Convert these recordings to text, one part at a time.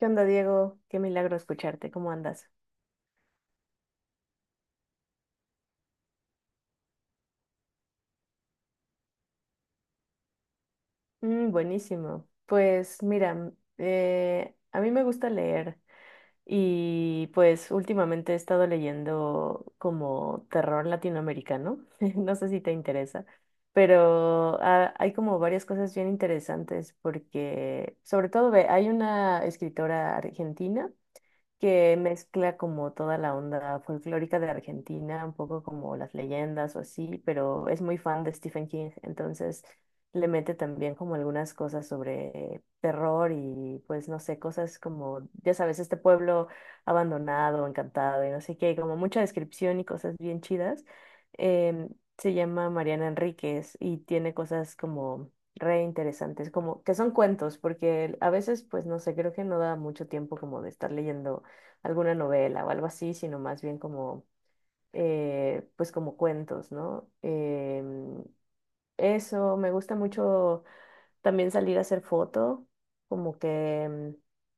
¿Qué onda, Diego? Qué milagro escucharte. ¿Cómo andas? Mm, buenísimo. Pues mira, a mí me gusta leer y pues últimamente he estado leyendo como terror latinoamericano. No sé si te interesa, pero hay como varias cosas bien interesantes porque sobre todo ve, hay una escritora argentina, que mezcla como toda la onda folclórica de Argentina, un poco como las leyendas o así, pero es muy fan de Stephen King, entonces le mete también como algunas cosas sobre terror y pues no sé, cosas como, ya sabes, este pueblo abandonado, encantado y no sé qué, como mucha descripción y cosas bien chidas. Em, Se llama Mariana Enríquez y tiene cosas como re interesantes, como que son cuentos, porque a veces, pues no sé, creo que no da mucho tiempo como de estar leyendo alguna novela o algo así, sino más bien como, pues como cuentos, ¿no? Eso, me gusta mucho también salir a hacer foto, como que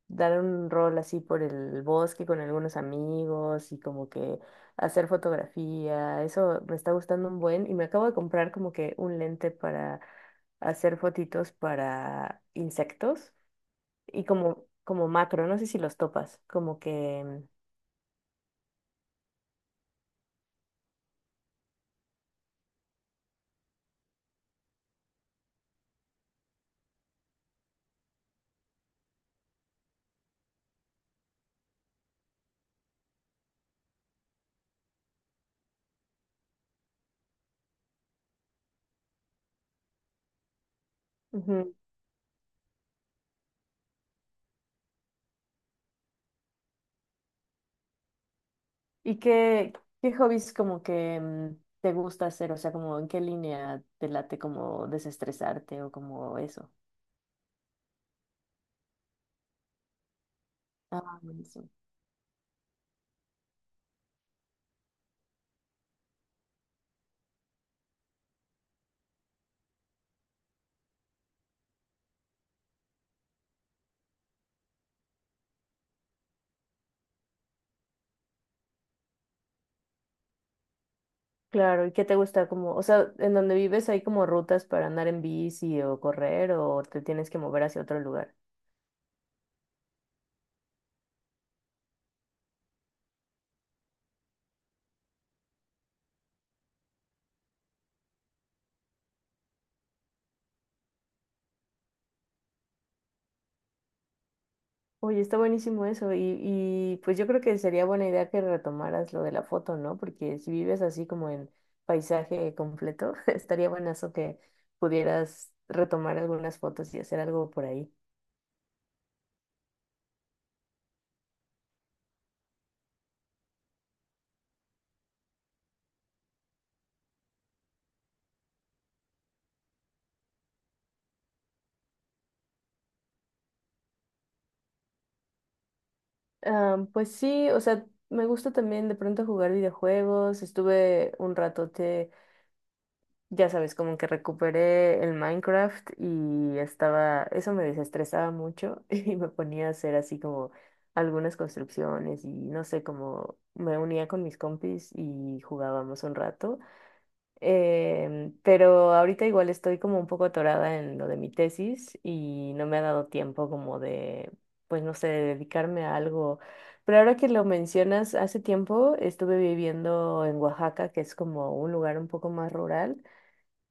dar un rol así por el bosque con algunos amigos y como que hacer fotografía, eso me está gustando un buen y me acabo de comprar como que un lente para hacer fotitos para insectos y como, como macro, no sé si los topas, como que... ujú. ¿Y qué, qué hobbies como que te gusta hacer? O sea, como en qué línea te late como desestresarte o como eso. Ah, buenísimo. Claro, ¿y qué te gusta? Como, o sea, ¿en donde vives hay como rutas para andar en bici o correr o te tienes que mover hacia otro lugar? Oye, está buenísimo eso y pues yo creo que sería buena idea que retomaras lo de la foto, ¿no? Porque si vives así como en paisaje completo, estaría buenazo que pudieras retomar algunas fotos y hacer algo por ahí. Ah, pues sí, o sea, me gusta también de pronto jugar videojuegos. Estuve un ratote, ya sabes, como que recuperé el Minecraft y estaba, eso me desestresaba mucho y me ponía a hacer así como algunas construcciones y no sé, como me unía con mis compis y jugábamos un rato. Pero ahorita igual estoy como un poco atorada en lo de mi tesis y no me ha dado tiempo como de, pues no sé, de dedicarme a algo. Pero ahora que lo mencionas, hace tiempo estuve viviendo en Oaxaca, que es como un lugar un poco más rural,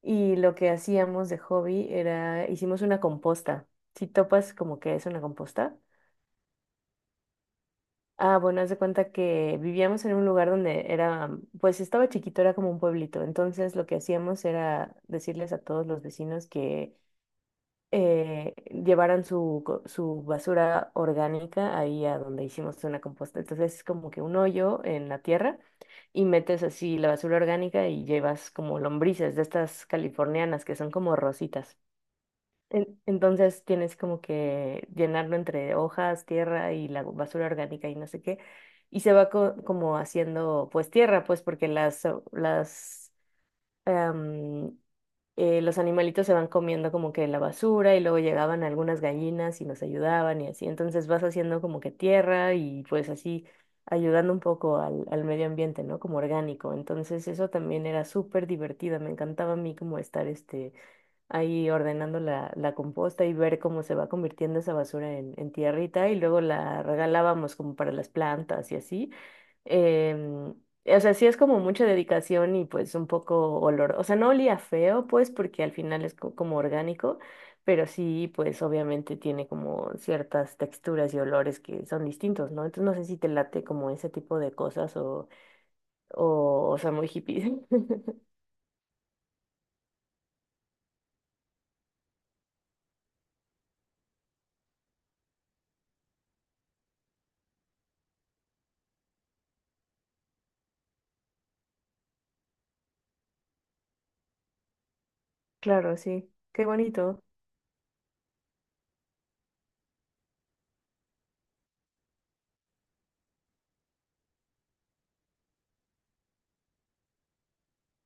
y lo que hacíamos de hobby era, hicimos una composta. Si topas como que es una composta. Ah, bueno, haz de cuenta que vivíamos en un lugar donde era, pues estaba chiquito, era como un pueblito. Entonces lo que hacíamos era decirles a todos los vecinos que llevaran su, su basura orgánica ahí a donde hicimos una composta. Entonces es como que un hoyo en la tierra y metes así la basura orgánica y llevas como lombrices de estas californianas que son como rositas. Entonces tienes como que llenarlo entre hojas, tierra y la basura orgánica y no sé qué. Y se va como haciendo pues tierra, pues porque las, las, em, los animalitos se van comiendo como que la basura y luego llegaban algunas gallinas y nos ayudaban y así. Entonces vas haciendo como que tierra y pues así ayudando un poco al medio ambiente, ¿no? Como orgánico. Entonces eso también era súper divertido. Me encantaba a mí como estar este ahí ordenando la, la composta y ver cómo se va convirtiendo esa basura en tierrita y luego la regalábamos como para las plantas y así. Em, o sea, sí es como mucha dedicación y pues un poco olor. O sea, no olía feo pues porque al final es como orgánico, pero sí pues obviamente tiene como ciertas texturas y olores que son distintos, ¿no? Entonces no sé si te late como ese tipo de cosas o sea, muy hippie. Claro, sí. Qué bonito.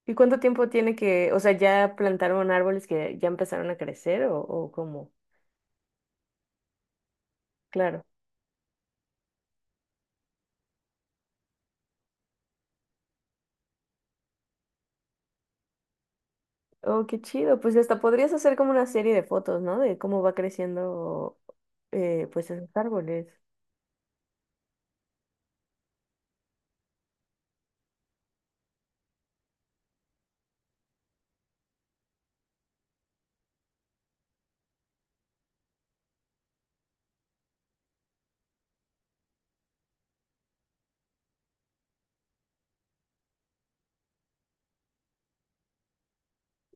¿Y cuánto tiempo tiene que, o sea, ya plantaron árboles que ya empezaron a crecer o cómo? Claro. Oh, qué chido. Pues hasta podrías hacer como una serie de fotos, ¿no? De cómo va creciendo, pues esos árboles.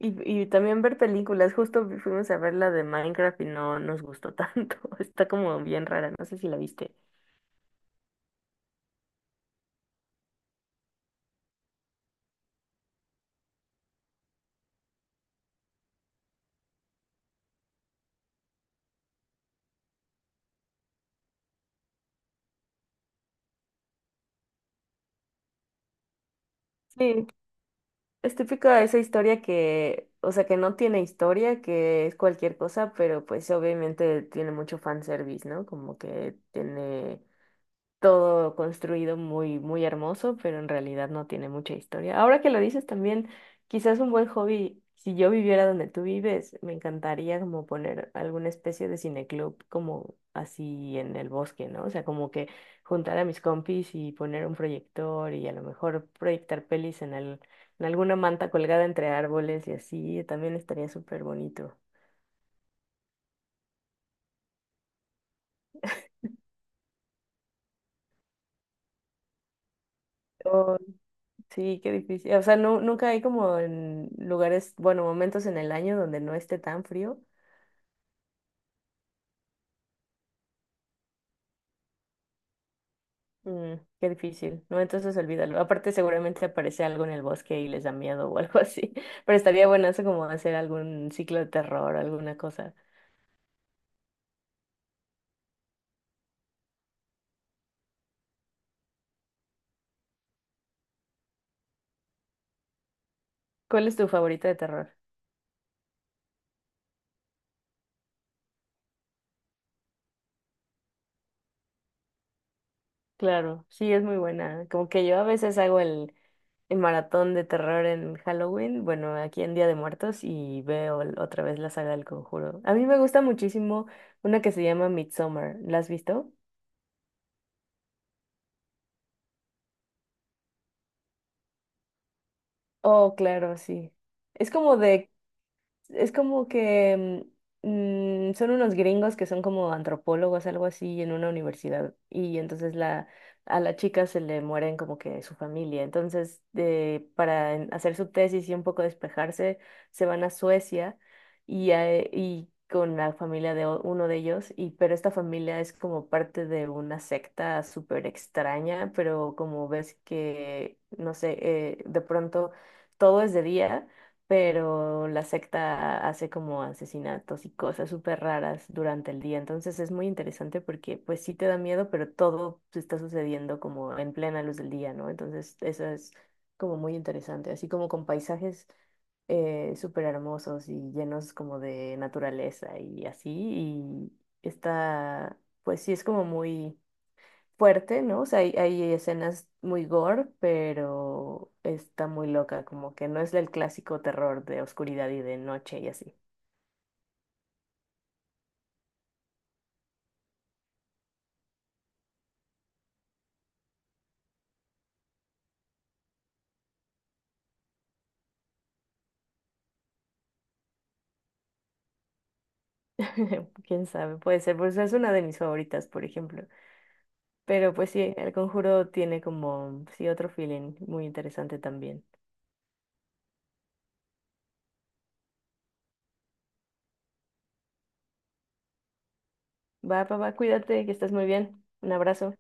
Y, y también ver películas. Justo fuimos a ver la de Minecraft y no nos gustó tanto. Está como bien rara. No sé si la viste. Sí, es típica esa historia que, o sea, que no tiene historia, que es cualquier cosa, pero pues obviamente tiene mucho fanservice, ¿no? Como que tiene todo construido muy, muy hermoso, pero en realidad no tiene mucha historia. Ahora que lo dices también, quizás un buen hobby, si yo viviera donde tú vives, me encantaría como poner alguna especie de cineclub como así en el bosque, ¿no? O sea, como que juntar a mis compis y poner un proyector y a lo mejor proyectar pelis en alguna manta colgada entre árboles y así, también estaría súper bonito. Sí, qué difícil. O sea, no, nunca hay como en lugares, bueno, momentos en el año donde no esté tan frío. Mm, qué difícil, ¿no? Entonces olvídalo. Aparte, seguramente aparece algo en el bosque y les da miedo o algo así. Pero estaría buenazo como hacer algún ciclo de terror o alguna cosa. ¿Cuál es tu favorita de terror? Claro, sí, es muy buena. Como que yo a veces hago el maratón de terror en Halloween, bueno, aquí en Día de Muertos y veo otra vez la saga del Conjuro. A mí me gusta muchísimo una que se llama Midsommar. ¿La has visto? Oh, claro, sí. Es como de es como que son unos gringos que son como antropólogos, algo así, en una universidad. Y entonces la, a la chica se le mueren como que su familia. Entonces, de, para hacer su tesis y un poco despejarse, se van a Suecia y, y con la familia de uno de ellos. Y, pero esta familia es como parte de una secta súper extraña, pero como ves que, no sé, de pronto todo es de día pero la secta hace como asesinatos y cosas súper raras durante el día. Entonces es muy interesante porque pues sí te da miedo, pero todo se está sucediendo como en plena luz del día, ¿no? Entonces eso es como muy interesante, así como con paisajes súper hermosos y llenos como de naturaleza y así. Y está, pues sí es como muy fuerte, ¿no? O sea, hay escenas muy gore, pero está muy loca, como que no es el clásico terror de oscuridad y de noche y así. Quién sabe, puede ser, pues es una de mis favoritas, por ejemplo. Pero pues sí, El Conjuro tiene como, sí, otro feeling muy interesante también. Va, papá, cuídate, que estás muy bien. Un abrazo.